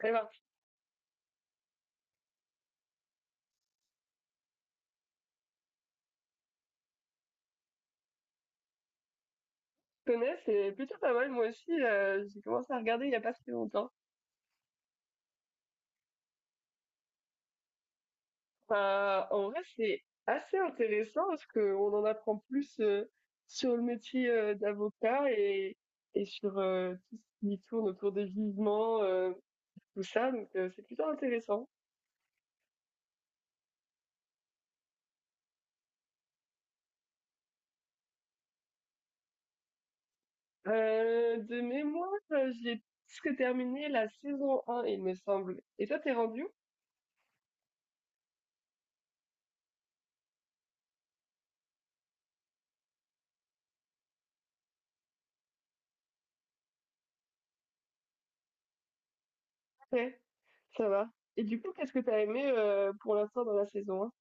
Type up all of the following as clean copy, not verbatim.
Alors, je connais, c'est plutôt pas mal. Moi aussi, j'ai commencé à regarder il y a pas si longtemps. En vrai, c'est assez intéressant parce qu'on en apprend plus sur le métier d'avocat et sur tout ce qui tourne autour des jugements, tout ça. Donc, c'est plutôt intéressant. De mémoire, j'ai presque terminé la saison un il me semble. Et toi, t'es rendu où? Ouais, ça va. Et du coup, qu'est-ce que t'as aimé pour l'instant dans la saison 1?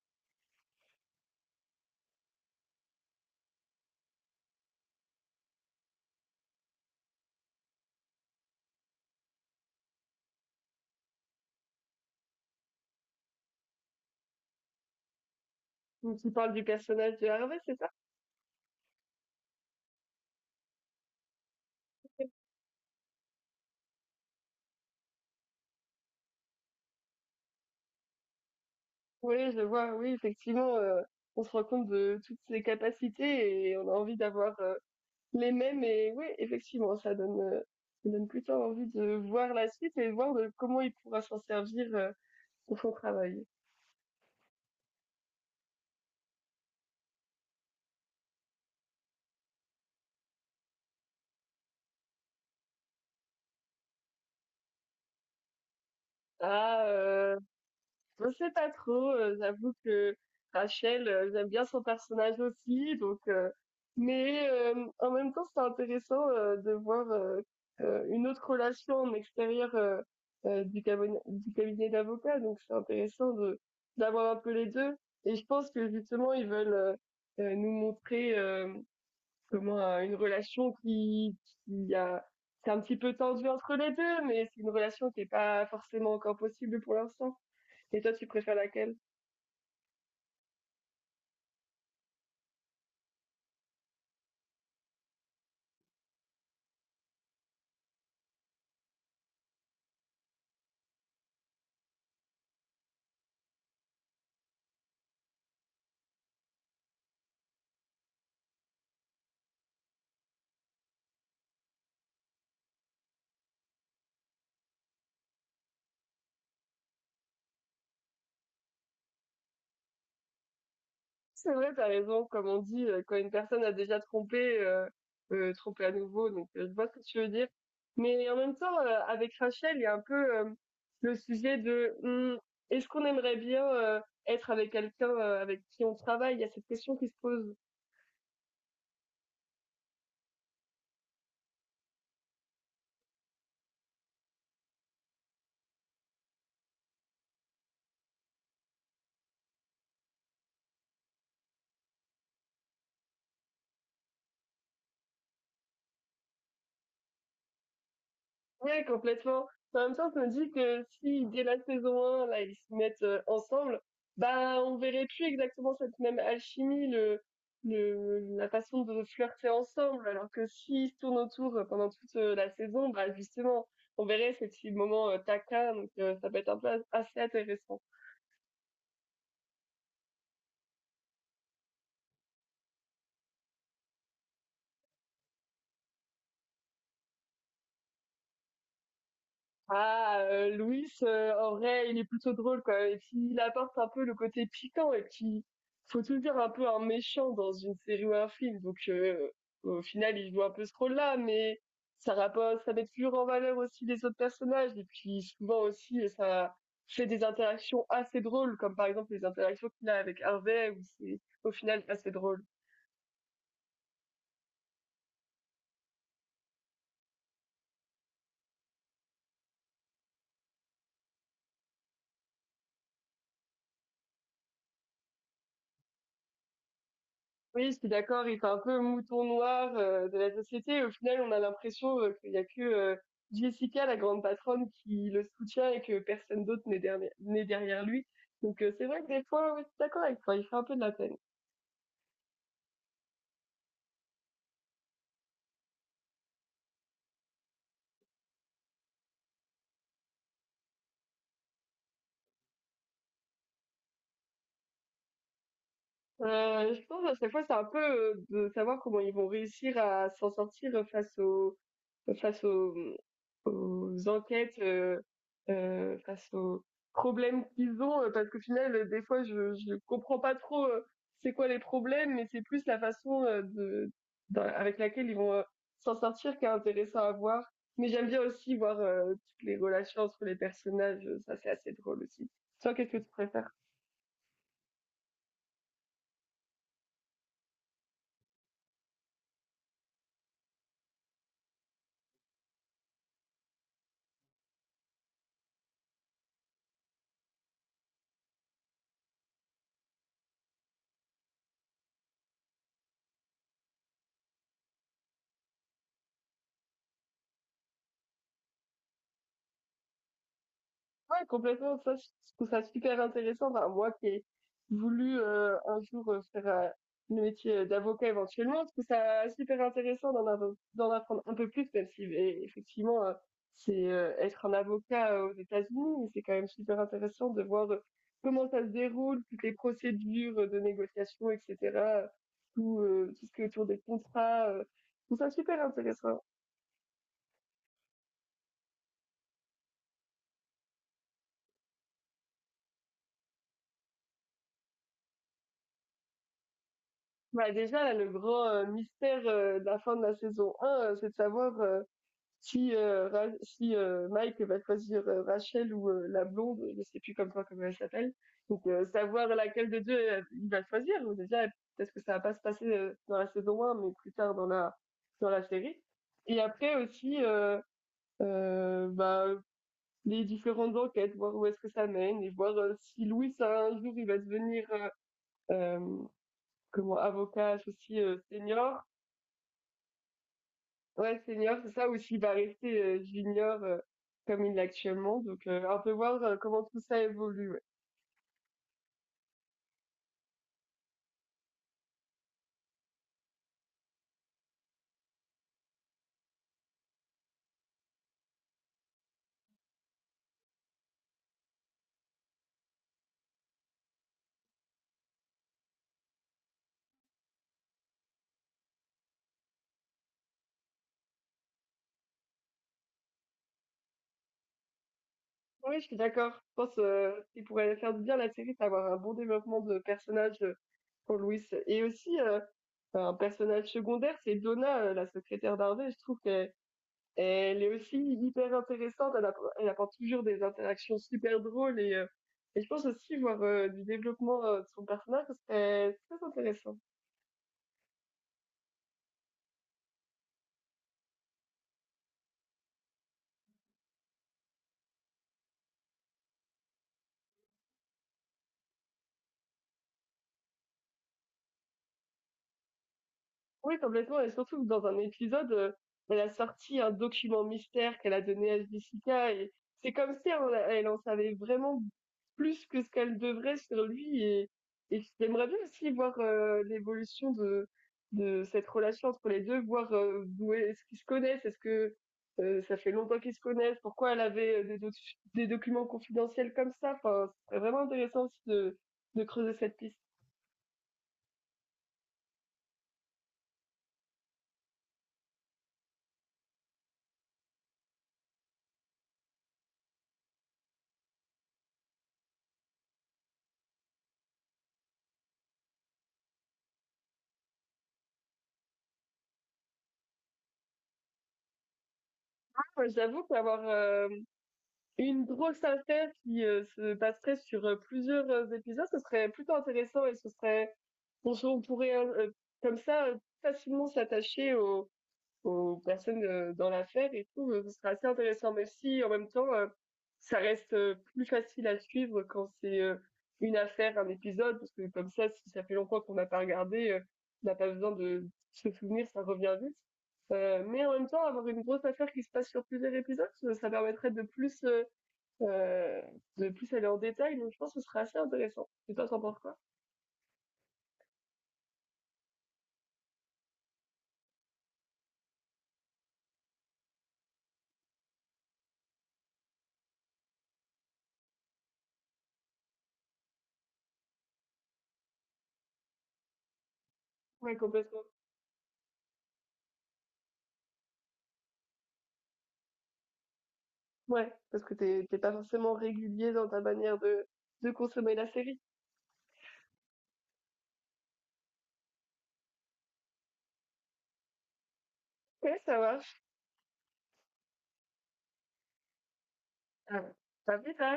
Donc, tu parles du personnage de Harvey, c'est ça? Oui, je vois, oui, effectivement, on se rend compte de toutes ses capacités et on a envie d'avoir les mêmes. Et oui, effectivement, ça ça donne plutôt envie de voir la suite et de voir de comment il pourra s'en servir pour son travail. Ah, euh, Je sais pas trop, j'avoue que Rachel, j'aime bien son personnage aussi, donc mais en même temps, c'est intéressant, de voir, une autre relation en extérieur, du cabone du cabinet d'avocats, donc c'est intéressant de d'avoir un peu les 2 et je pense que justement ils veulent nous montrer, comment, une relation qui a c'est un petit peu tendu entre les 2 mais c'est une relation qui est pas forcément encore possible pour l'instant. Et toi, tu préfères laquelle? C'est vrai, t'as raison. Comme on dit, quand une personne a déjà trompé, tromper à nouveau. Donc, je vois ce que tu veux dire. Mais en même temps, avec Rachel, il y a un peu le sujet de est-ce qu'on aimerait bien être avec quelqu'un avec qui on travaille? Il y a cette question qui se pose. Ouais, complètement. Mais en même temps, je me dis que si dès la saison 1, là, ils se mettent ensemble, bah, on verrait plus exactement cette même alchimie, la façon de flirter ensemble. Alors que s'ils se tournent autour pendant toute la saison, bah, justement, on verrait ces petits moments taquins, donc ça peut être un peu assez intéressant. Louis, en vrai, il est plutôt drôle, quoi et puis il apporte un peu le côté piquant et puis, faut tout dire un peu un méchant dans une série ou un film donc au final, il joue un peu ce rôle-là mais ça rappo ça met toujours en valeur aussi les autres personnages et puis souvent aussi, ça fait des interactions assez drôles comme, par exemple, les interactions qu'il a avec Harvey où c'est, au final, assez drôle. Oui, je suis d'accord, il fait un peu mouton noir, de la société et au final, on a l'impression, qu'il y a que, Jessica, la grande patronne, qui le soutient et que personne d'autre n'est derrière lui. Donc c'est vrai que des fois, oui, je suis d'accord avec toi, il fait un peu de la peine. Je pense à chaque fois, c'est un peu, de savoir comment ils vont réussir à s'en sortir, face au face aux aux enquêtes, face aux problèmes qu'ils ont, parce qu'au final, des fois, je comprends pas trop, c'est quoi les problèmes, mais c'est plus la façon, de dans avec laquelle ils vont, s'en sortir qui est intéressant à voir. Mais j'aime bien aussi voir, toutes les relations entre les personnages, ça c'est assez drôle aussi. Toi, qu'est-ce que tu préfères? Ouais, complètement. Ça, je trouve ça super intéressant. Enfin, moi qui ai voulu un jour faire le métier d'avocat éventuellement, je trouve ça super intéressant d'en d'en apprendre un peu plus, même si effectivement, c'est être un avocat aux États-Unis, mais c'est quand même super intéressant de voir comment ça se déroule, toutes les procédures de négociation, etc. Tout, tout ce qui est autour des contrats. Je trouve ça super intéressant. Bah, déjà, là, le grand mystère de la fin de la saison 1, c'est de savoir... si, Mike va choisir Rachel ou la blonde, je sais plus comment elle s'appelle. Donc savoir laquelle de deux il va choisir. Déjà peut-être que ça va pas se passer dans la saison un, mais plus tard dans la série. Et après aussi bah, les différentes enquêtes, voir où est-ce que ça mène et voir si Louis un jour il va devenir euh, comment avocat aussi senior. Ouais, senior, c'est ça, ou s'il va rester junior comme il l'est actuellement. Donc, on peut voir comment tout ça évolue. Ouais. Oui, je suis d'accord. Je pense qu'il pourrait faire du bien à la série d'avoir un bon développement de personnage pour Louis. Et aussi, enfin, un personnage secondaire, c'est Donna, la secrétaire d'Harvey. Je trouve qu'elle est aussi hyper intéressante. Elle apporte toujours des interactions super drôles. Et je pense aussi voir du développement de son personnage, ce serait très intéressant. Oui, complètement et surtout que dans un épisode, elle a sorti un document mystère qu'elle a donné à Jessica et c'est comme si elle en savait vraiment plus que ce qu'elle devrait sur lui et j'aimerais bien aussi voir, l'évolution de cette relation entre les 2, voir, d'où est-ce qu'ils se connaissent? Est-ce que, ça fait longtemps qu'ils se connaissent? Pourquoi elle avait, des doc des documents confidentiels comme ça? Enfin, ce vraiment intéressant aussi de creuser cette piste. Moi, j'avoue qu'avoir, hem une grosse affaire qui, se passerait sur, plusieurs, épisodes, ce serait plutôt intéressant et ce serait on se on pourrait, comme ça, facilement s'attacher aux aux personnes, dans l'affaire et tout, ce serait assez intéressant. Mais si en même temps, ça reste, plus facile à suivre quand c'est, une affaire, un épisode, parce que comme ça, si ça fait longtemps qu'on n'a pas regardé, on n'a pas besoin de se souvenir, ça revient vite. Mais en même temps, avoir une grosse affaire qui se passe sur plusieurs épisodes, ça permettrait euh, de plus aller en détail, donc je pense que ce serait assez intéressant. Et toi, t'en penses quoi? Ouais, complètement. Ouais, parce que t'es pas forcément régulier dans ta manière de consommer la série. Ouais, ça marche. Ah, t'as vu,